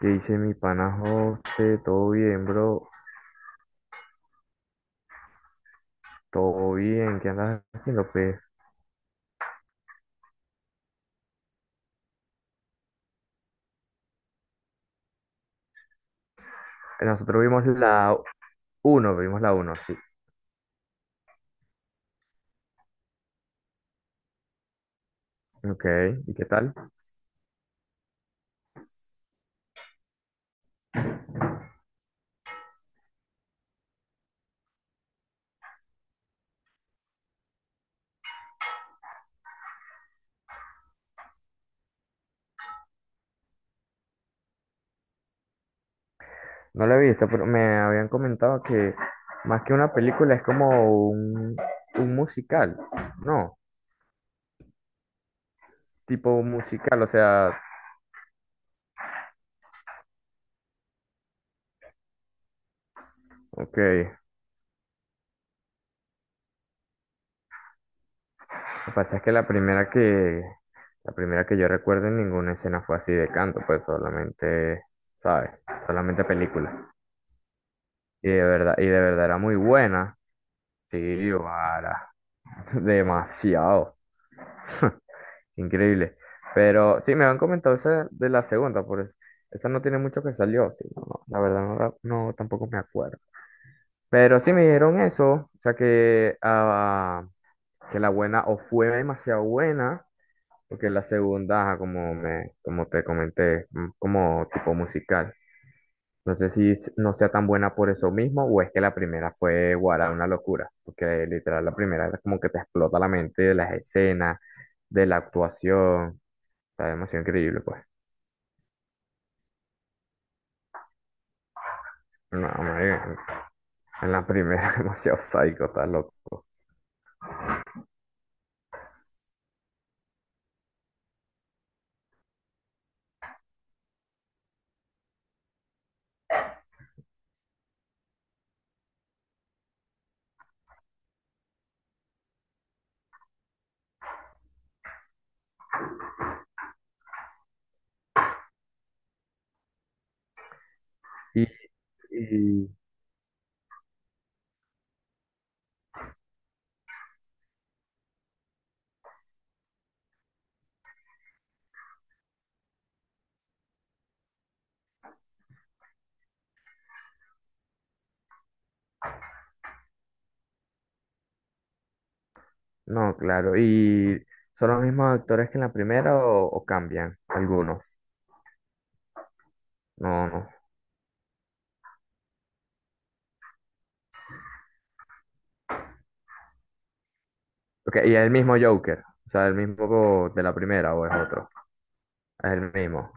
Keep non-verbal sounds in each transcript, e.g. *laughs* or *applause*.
¿Qué dice mi pana José? ¿Todo bien, bro? ¿Todo bien? ¿Qué andas haciendo, pues? Nosotros vimos la uno, sí. Ok, ¿y qué tal? No la he visto, pero me habían comentado que más que una película es como un musical, ¿no? Tipo musical, o sea, ok. Lo que pasa es que la primera que yo recuerdo, en ninguna escena fue así de canto, pues solamente... ¿sabes? Solamente película. Y de verdad era muy buena. Sí, para. *laughs* Demasiado. *laughs* Increíble. Pero sí, me han comentado esa de la segunda, por eso. Esa no tiene mucho que salió, sí, no, no, la verdad no, no, tampoco me acuerdo. Pero sí me dijeron eso, o sea que, que la buena o fue demasiado buena, porque la segunda, ajá, como te comenté, como tipo musical. No sé si no sea tan buena por eso mismo, o es que la primera fue, guarda, una locura, porque literal la primera era como que te explota la mente, de las escenas, de la actuación, está demasiado increíble pues. No, marica, en la primera *laughs* demasiado psycho, está loco. Y, y- no, claro, y ¿son los mismos actores que en la primera, o cambian algunos? No, no. Ok, ¿y es el mismo Joker, o sea, el mismo de la primera o es otro, es el mismo?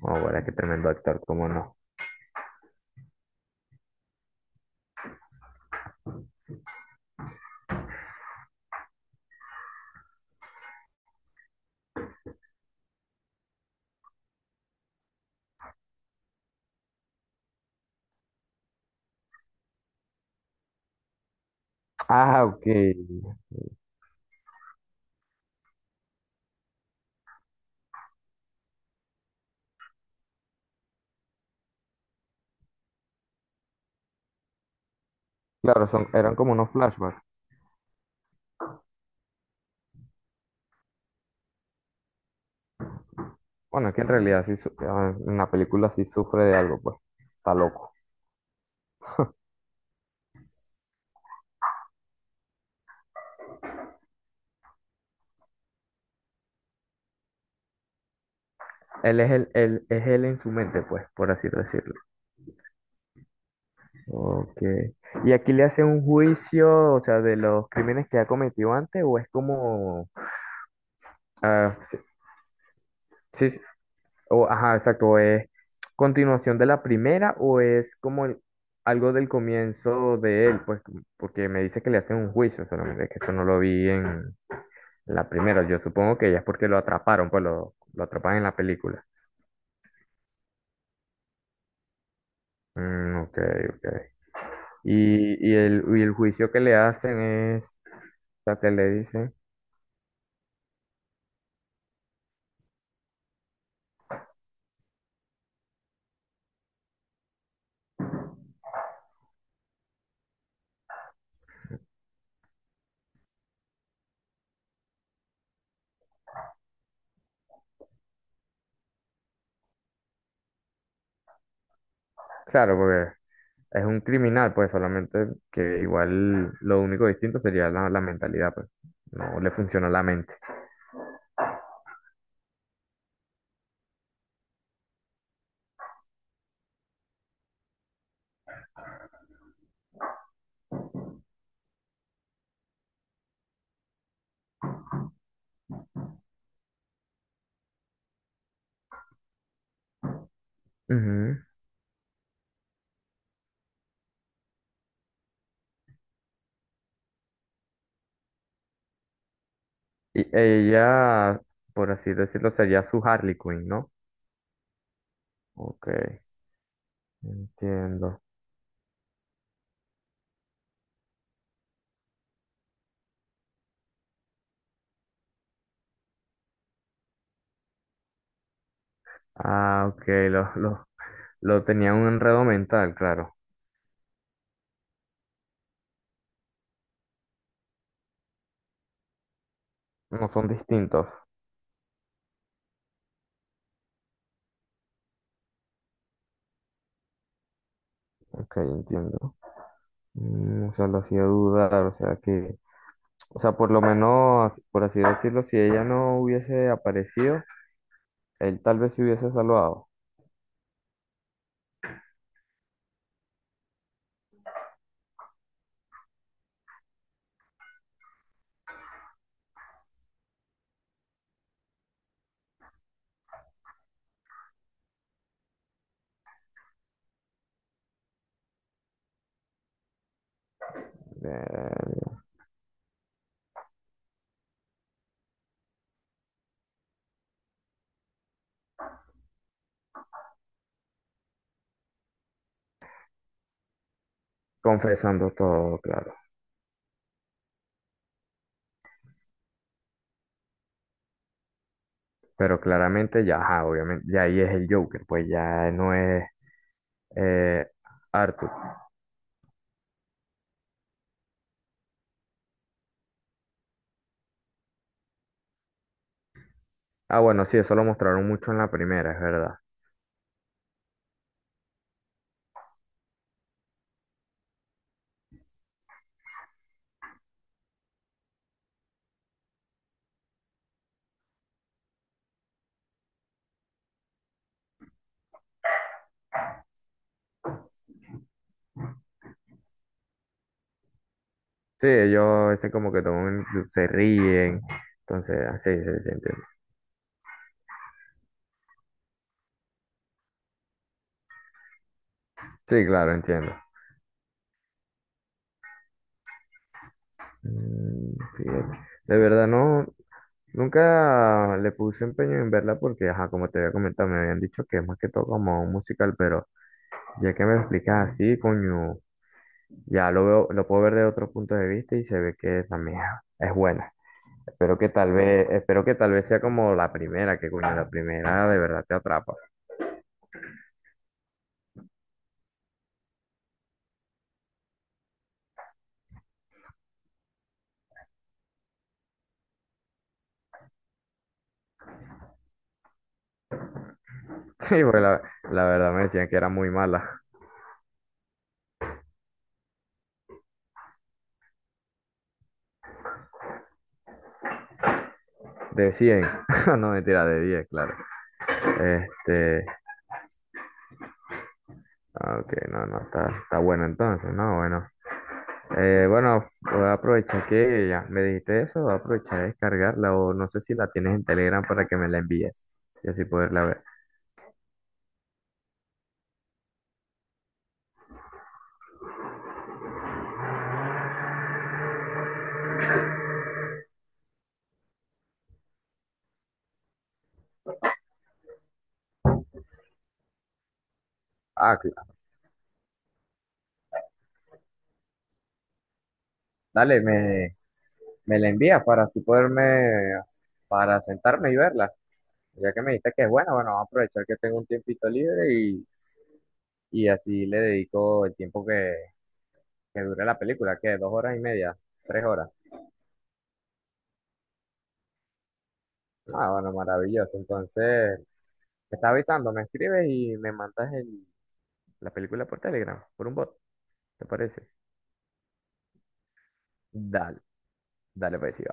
Oh, bueno, qué tremendo actor, cómo no. Ah, ok. Claro, son, eran como unos flashbacks. Bueno, es que en realidad sí, en la película sí sufre de algo, pues. Está loco. Él es el, él, es él en su mente, pues, por así decirlo. Ok. ¿Y aquí le hacen un juicio, o sea, de los crímenes que ha cometido antes, o es como, ah, sí, sí, sí, o, ajá, exacto, o es continuación de la primera, o es como algo del comienzo de él, pues, porque me dice que le hacen un juicio, solamente que eso no lo vi en la primera? Yo supongo que ya es porque lo atraparon, pues lo atrapan en la película. Mm, ok, ok. Y el juicio que le hacen es, o sea, que le dicen, claro, porque es un criminal, pues solamente que igual lo único distinto sería la, la mentalidad, pues no le funciona la mente. Ujú. Y ella, por así decirlo, sería su Harley Quinn, ¿no? Ok, entiendo. Ah, ok, lo, lo, lo tenía un enredo mental, claro. No son distintos. Ok, entiendo. Mm, o sea, lo hacía dudar, o sea que, o sea, por lo menos, por así decirlo, si ella no hubiese aparecido, él tal vez se hubiese salvado. Eh, confesando todo, claro. Pero claramente ya, ajá, obviamente, ya ahí es el Joker, pues ya no es eh, Arthur. Ah, bueno, sí, eso lo mostraron mucho en la primera, es verdad. Sí, ellos ese como que toman, se ríen, entonces, así se siente. Sí, sí, claro, entiendo. Mm, fíjate. De verdad, no, nunca le puse empeño en verla porque, ajá, como te había comentado, me habían dicho que es más que todo como un musical, pero ya que me lo explicas así, coño, ya lo veo, lo puedo ver de otro punto de vista y se ve que también es buena. Espero que tal vez sea como la primera, que coño, la primera de verdad te atrapa. *laughs* Sí, porque la verdad me decían que era muy mala. De 100 *laughs* no mentira, de 10 claro. Este, ah, ok, no, no, está, está bueno entonces, ¿no? Bueno, bueno, voy a aprovechar que ya me dijiste eso, voy a aprovechar de descargarla, o no sé si la tienes en Telegram para que me la envíes y así poderla ver. Ah, claro. Dale, me, me la envías para así para sentarme y verla. Ya que me dijiste que es buena, bueno, vamos a aprovechar que tengo un tiempito libre y así le dedico el tiempo que dure la película, que 2 horas y media, 3 horas. Ah, bueno, maravilloso. Entonces, te estaba avisando, me escribes y me mandas la película por Telegram, por un bot, ¿te parece? Dale, dale, pues sí,